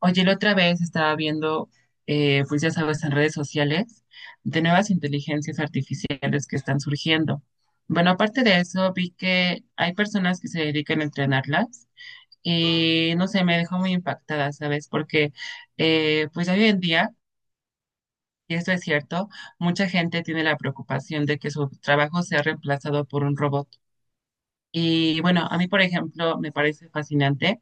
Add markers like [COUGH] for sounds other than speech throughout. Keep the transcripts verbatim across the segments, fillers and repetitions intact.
Oye, la otra vez estaba viendo, eh, pues ya sabes, en redes sociales, de nuevas inteligencias artificiales que están surgiendo. Bueno, aparte de eso, vi que hay personas que se dedican a entrenarlas y no sé, me dejó muy impactada, ¿sabes? Porque eh, pues hoy en día, y esto es cierto, mucha gente tiene la preocupación de que su trabajo sea reemplazado por un robot. Y bueno, a mí, por ejemplo, me parece fascinante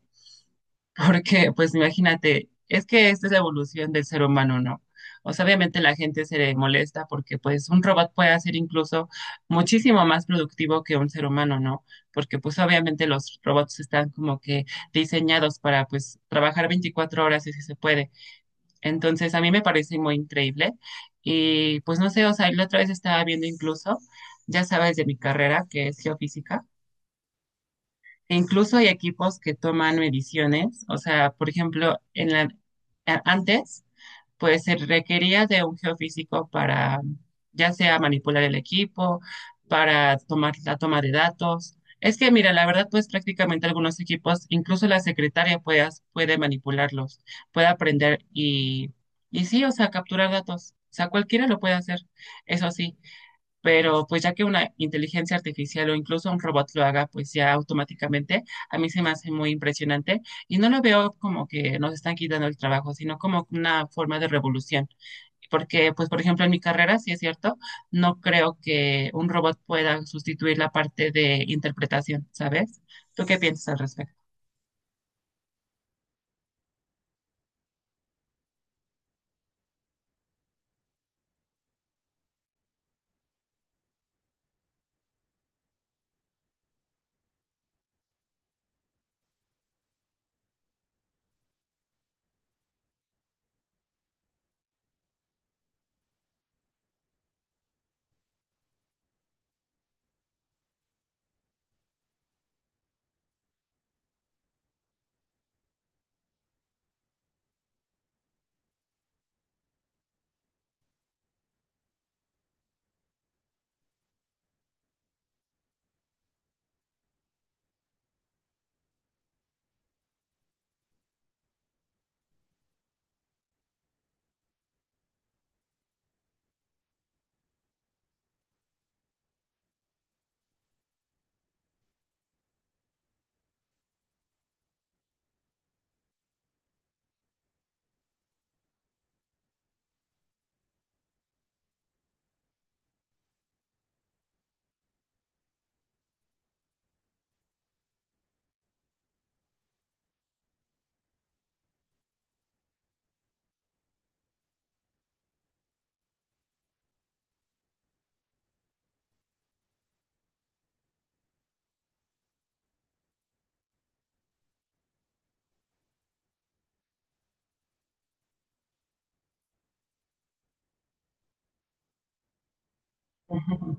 porque, pues imagínate, es que esta es la evolución del ser humano, ¿no? O sea, obviamente la gente se le molesta porque, pues, un robot puede ser incluso muchísimo más productivo que un ser humano, ¿no? Porque, pues, obviamente los robots están como que diseñados para, pues, trabajar 24 horas si se puede. Entonces, a mí me parece muy increíble. Y, pues, no sé, o sea, la otra vez estaba viendo incluso, ya sabes, de mi carrera, que es geofísica. Incluso hay equipos que toman mediciones, o sea, por ejemplo, en la, a- antes, pues se requería de un geofísico para, ya sea manipular el equipo, para tomar la toma de datos. Es que, mira, la verdad, pues prácticamente algunos equipos, incluso la secretaria puede, as- puede manipularlos, puede aprender y, y sí, o sea, capturar datos. O sea, cualquiera lo puede hacer, eso sí. Pero pues ya que una inteligencia artificial o incluso un robot lo haga, pues ya automáticamente, a mí se me hace muy impresionante y no lo veo como que nos están quitando el trabajo, sino como una forma de revolución. Porque, pues, por ejemplo, en mi carrera, sí es cierto, no creo que un robot pueda sustituir la parte de interpretación, ¿sabes? ¿Tú qué piensas al respecto? Ujú.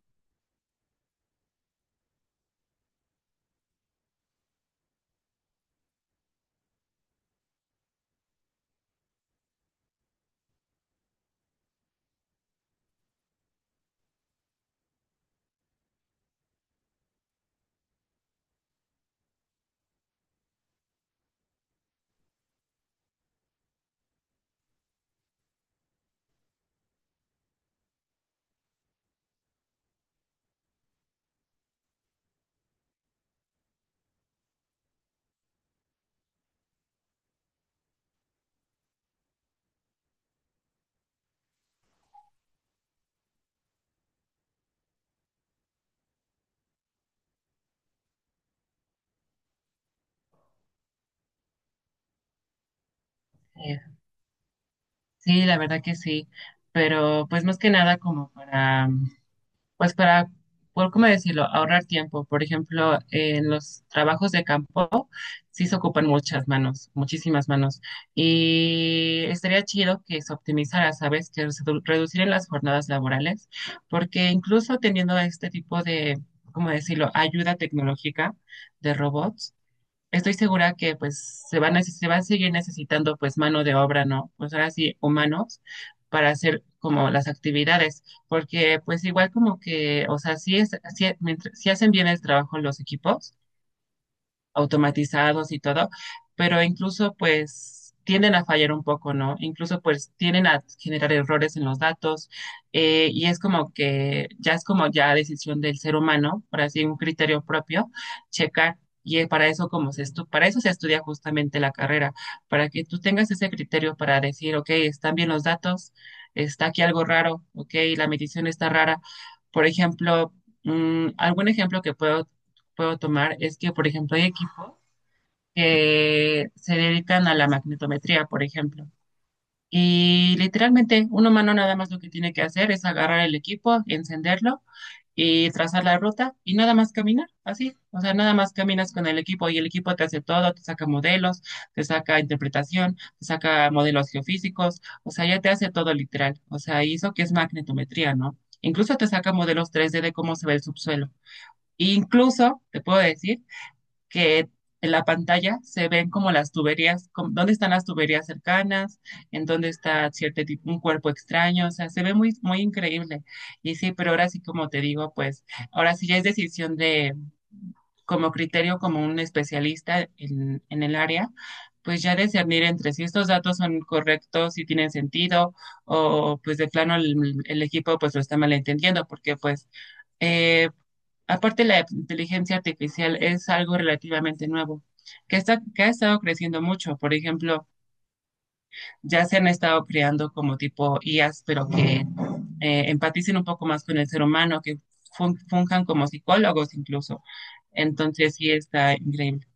Eh, Sí, la verdad que sí, pero pues más que nada como para pues para, por cómo decirlo, ahorrar tiempo. Por ejemplo, en los trabajos de campo sí se ocupan muchas manos, muchísimas manos. Y estaría chido que se optimizara, ¿sabes? Que se redu- reducieran las jornadas laborales, porque incluso teniendo este tipo de, ¿cómo decirlo?, ayuda tecnológica de robots, estoy segura que pues se va a, neces- se va a seguir necesitando pues mano de obra, ¿no? Pues ahora sí, humanos para hacer como las actividades, porque pues igual como que, o sea, sí es, sí- mientras- sí hacen bien el trabajo los equipos, automatizados y todo, pero incluso pues tienden a fallar un poco, ¿no? Incluso pues tienden a generar errores en los datos. Eh, y es como que ya es como ya decisión del ser humano, por así un criterio propio, checar. Y eh, para eso, como se estu- para eso se estudia justamente la carrera, para que tú tengas ese criterio para decir, ok, están bien los datos, está aquí algo raro, ok, la medición está rara. Por ejemplo, mm, algún ejemplo que puedo puedo tomar es que, por ejemplo, hay equipos que se dedican a la magnetometría, por ejemplo. Y literalmente, un humano nada más lo que tiene que hacer es agarrar el equipo, encenderlo y trazar la ruta y nada más caminar, así. O sea, nada más caminas con el equipo y el equipo te hace todo, te saca modelos, te saca interpretación, te saca modelos geofísicos, o sea, ya te hace todo literal. O sea, y eso que es magnetometría, ¿no? Incluso te saca modelos tres d de cómo se ve el subsuelo. E incluso, te puedo decir, que en la pantalla se ven como las tuberías, com- dónde están las tuberías cercanas, en dónde está cierto tipo, un cuerpo extraño, o sea, se ve muy, muy increíble. Y sí, pero ahora sí, como te digo, pues ahora sí ya es decisión de, como criterio, como un especialista en, en el área, pues ya discernir entre si estos datos son correctos, si tienen sentido, o pues de plano el, el equipo pues lo está malentendiendo, porque pues eh, aparte, la inteligencia artificial es algo relativamente nuevo, que está, que ha estado creciendo mucho. Por ejemplo, ya se han estado creando como tipo I As, pero que eh, empaticen un poco más con el ser humano, que fun- funjan como psicólogos incluso. Entonces, sí está increíble.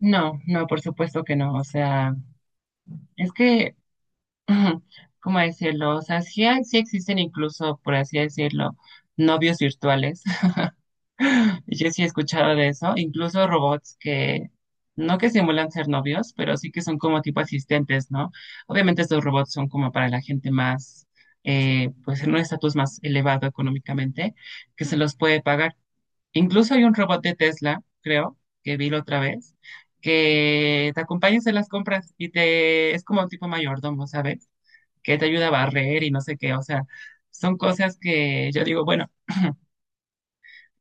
No, no, por supuesto que no. O sea, es que, [CLEARS THROAT] ¿cómo decirlo? O sea, sí, hay- sí existen incluso, por así decirlo, novios virtuales. [LAUGHS] Y Yo sí he escuchado de eso, incluso robots que no que simulan ser novios, pero sí que son como tipo asistentes, ¿no? Obviamente estos robots son como para la gente más, eh, pues en un estatus más elevado económicamente, que se los puede pagar. Incluso hay un robot de Tesla, creo, que vi la otra vez, que te acompaña en las compras y te es como un tipo mayordomo, ¿sabes? Que te ayuda a barrer y no sé qué, o sea, son cosas que yo digo, bueno,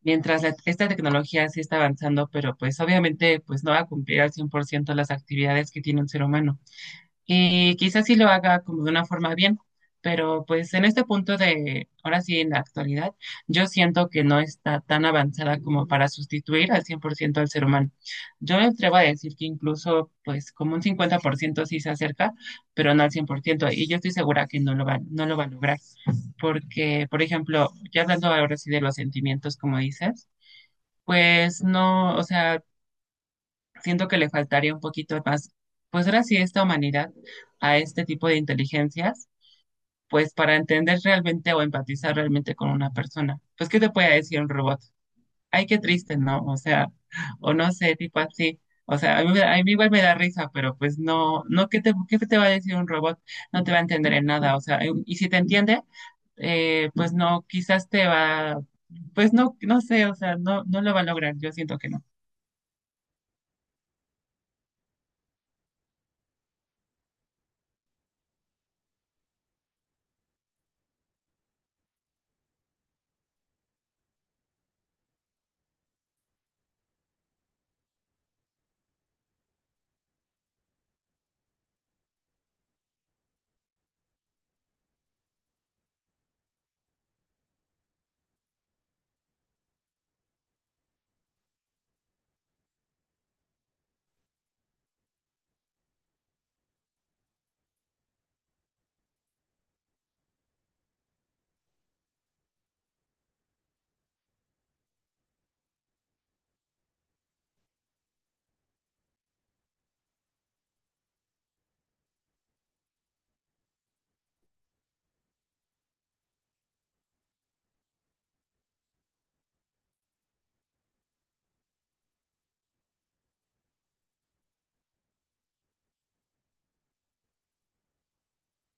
mientras la- esta tecnología sí está avanzando, pero pues obviamente pues no va a cumplir al cien por ciento las actividades que tiene un ser humano. Y quizás sí lo haga como de una forma bien, pero pues en este punto de, ahora sí en la actualidad, yo siento que no está tan avanzada como para sustituir al cien por ciento al ser humano. Yo me atrevo a decir que incluso pues como un cincuenta por ciento sí se acerca, pero no al cien por ciento y yo estoy segura que no lo va, no lo va a lograr, porque, por ejemplo, ya hablando ahora sí de los sentimientos, como dices, pues no, o sea, siento que le faltaría un poquito más, pues ahora sí, esta humanidad a este tipo de inteligencias, pues para entender realmente o empatizar realmente con una persona. Pues, ¿qué te puede decir un robot? Ay, qué triste, ¿no? O sea, [LAUGHS] o no sé, tipo así. O sea, a mí, me a mí igual me da risa, pero pues no, no, ¿qué te, qué te va a decir un robot? No te va a entender en nada, o sea, eh, y si te entiende, eh, pues no, quizás te va, pues no, no sé, o sea, no, no lo va a lograr, yo siento que no.